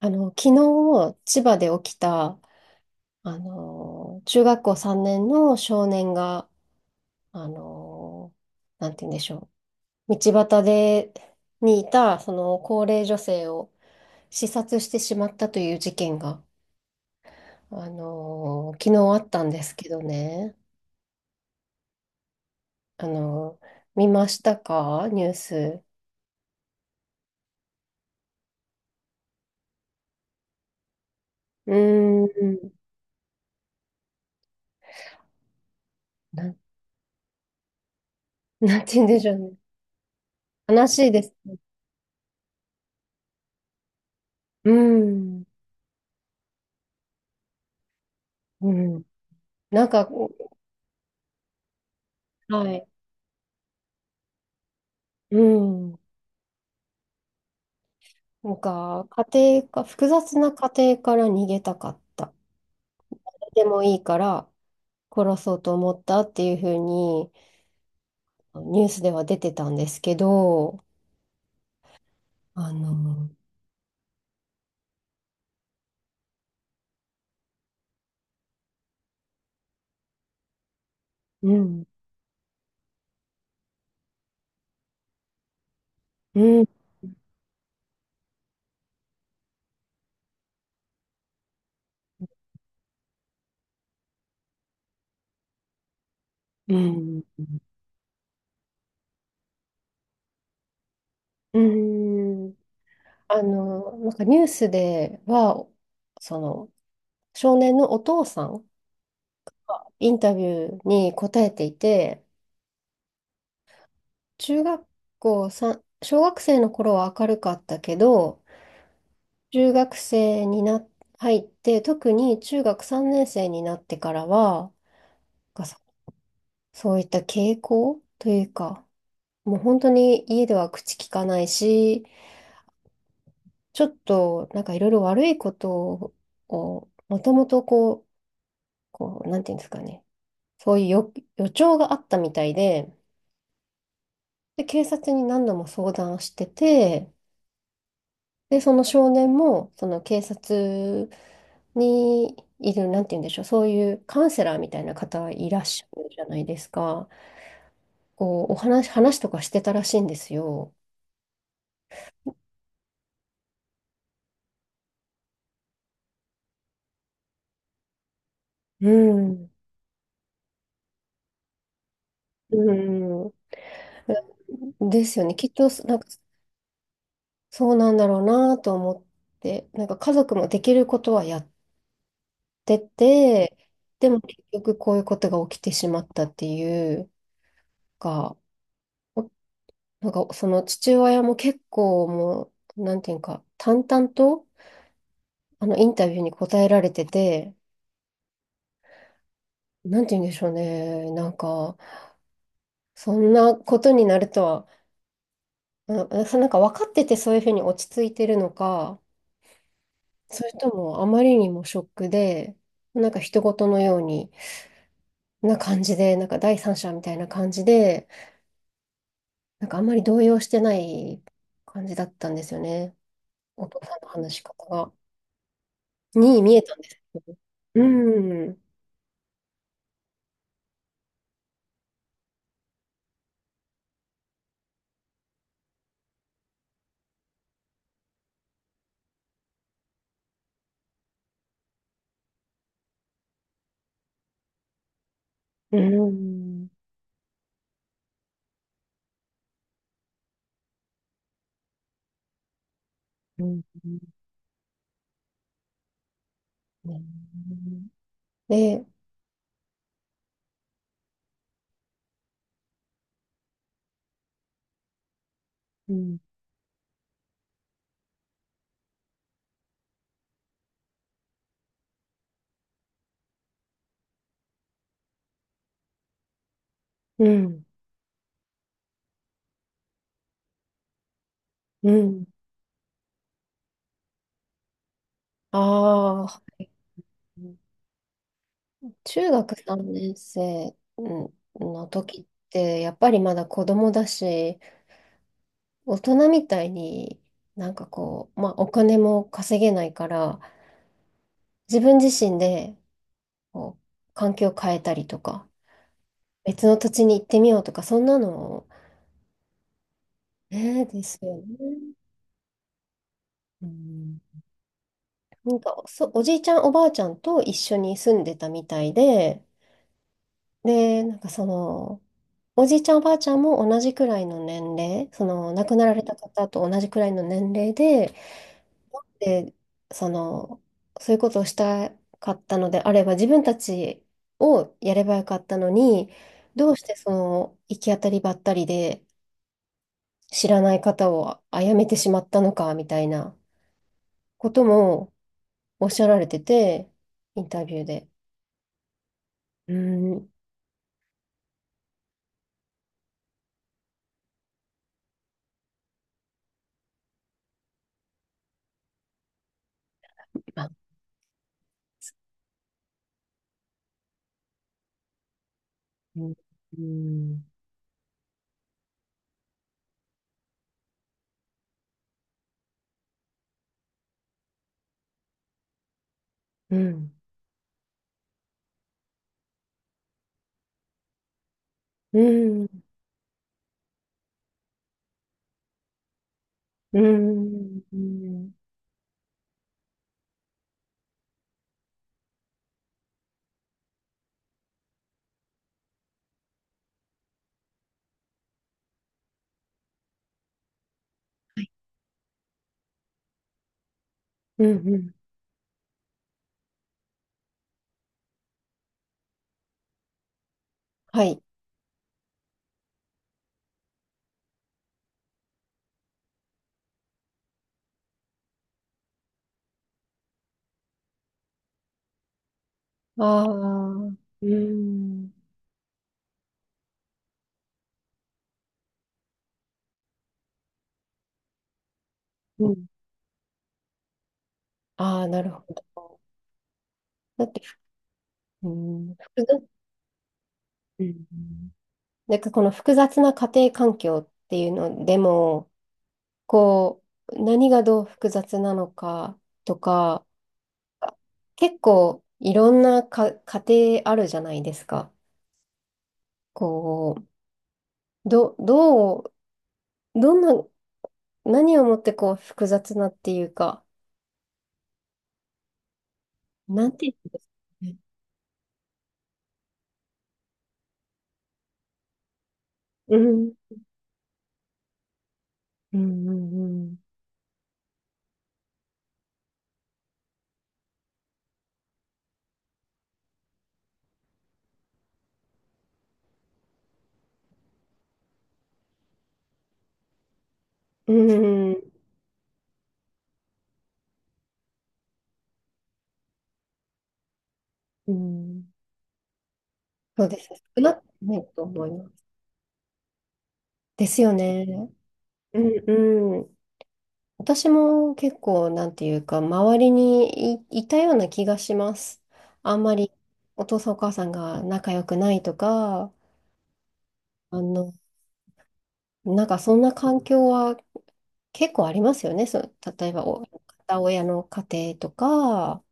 昨日、千葉で起きた、中学校3年の少年が、あの、なんて言うんでしょう。道端で、にいた、その高齢女性を刺殺してしまったという事件が、昨日あったんですけどね。あの、見ましたかニュース。うーん、なん、なんて言うんでしょうね。悲しいです。うーん、うん。なんか、はい。うん。なんか、家庭か、複雑な家庭から逃げたかった。でもいいから殺そうと思ったっていうふうに、ニュースでは出てたんですけど、あの、うん、うん、うん、うん、なんかニュースでは、その、少年のお父さん、インタビューに答えていて、中学校さん小学生の頃は明るかったけど、中学生にな、入って、特に中学3年生になってからは、なんかそそういった傾向というか、もう本当に家では口聞かないし、ちょっとなんかいろいろ悪いことを、もともとこう、こう、なんていうんですかね、そういう予、予兆があったみたいで、で、警察に何度も相談してて、で、その少年も、その警察にいる、なんて言うんでしょう、そういうカウンセラーみたいな方いらっしゃるじゃないですか。こう、話とかしてたらしいんですよ。うん。うん。ですよね。きっと、なんか、そうなんだろうなと思って、なんか家族もできることはやってて、でも結局こういうことが起きてしまったっていうか、がなんか、その父親も結構もう、なんていうか、淡々と、インタビューに答えられてて、なんていうんでしょうね。なんか、そんなことになるとは、あのそなんか分かっててそういうふうに落ち着いてるのか、それともあまりにもショックで、なんか人事のようにな感じで、なんか第三者みたいな感じで、なんかあんまり動揺してない感じだったんですよね。お父さんの話し方が。に見えたんですけど。うん。うん、うん、うん。で、うん、うん、うん。ああ、中学3年生うん生の時って、やっぱりまだ子供だし、大人みたいにまあお金も稼げないから、自分自身でこう環境を変えたりとか、別の土地に行ってみようとか、そんなの、ね、ですよね。うんなんか、おじいちゃん、おばあちゃんと一緒に住んでたみたいで、で、なんかその、おじいちゃん、おばあちゃんも同じくらいの年齢、その、亡くなられた方と同じくらいの年齢で、で、その、そういうことをしたかったのであれば、自分たちをやればよかったのに、どうしてその、行き当たりばったりで、知らない方を殺めてしまったのか、みたいなこともおっしゃられてて、インタビューで。うんあ、うん、うん、うん、うん、うん、うん、うん、はい。ああ、うん、うん。ああ、なるほど。だって、うん、複雑、うん。なんかこの複雑な家庭環境っていうのでも、こう、何がどう複雑なのかとか、結構いろんなか家庭あるじゃないですか。こう、ど、どう、どんな何をもってこう複雑なっていうか、なんて言うんですかね。うん。うんうんうん。うん。うん。そうです。少なくないと思います。ですよね。うんうん。私も結構、なんていうか、周りにい、いたような気がします。あんまりお父さんお母さんが仲良くないとか、あの、なんかそんな環境は結構ありますよね。そう、例えばお、片親の家庭とか、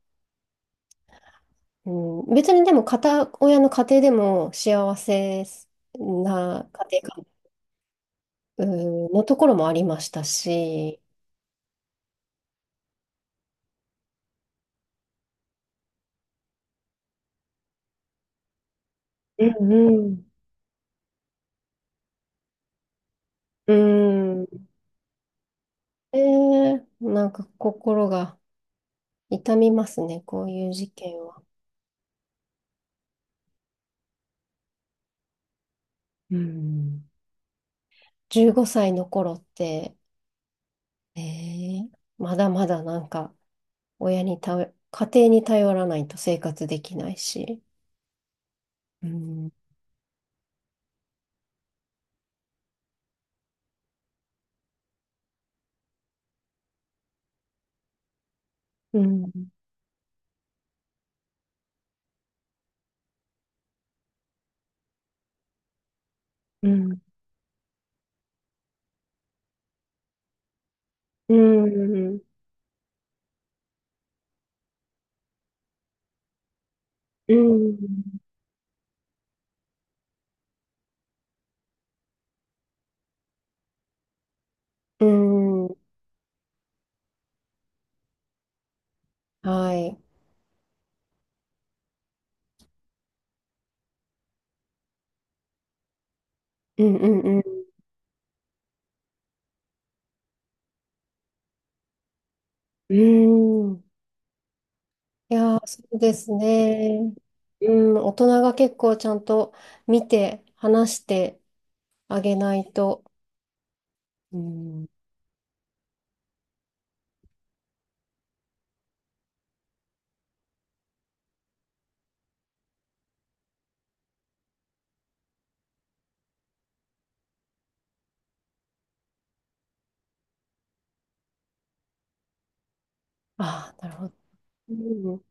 うん、別にでも片親の家庭でも幸せな家庭か、うん、のところもありましたし、うんうん。うん、えなんか心が痛みますね、こういう事件は。うん15歳の頃って、えまだまだなんか親に頼家庭に頼らないと生活できないし、うんうんうんうん、うんうんはい。うんうんうん。うん。いやー、そうですね。うん、大人が結構ちゃんと見て、話してあげないと。うん。ああ、なるほど。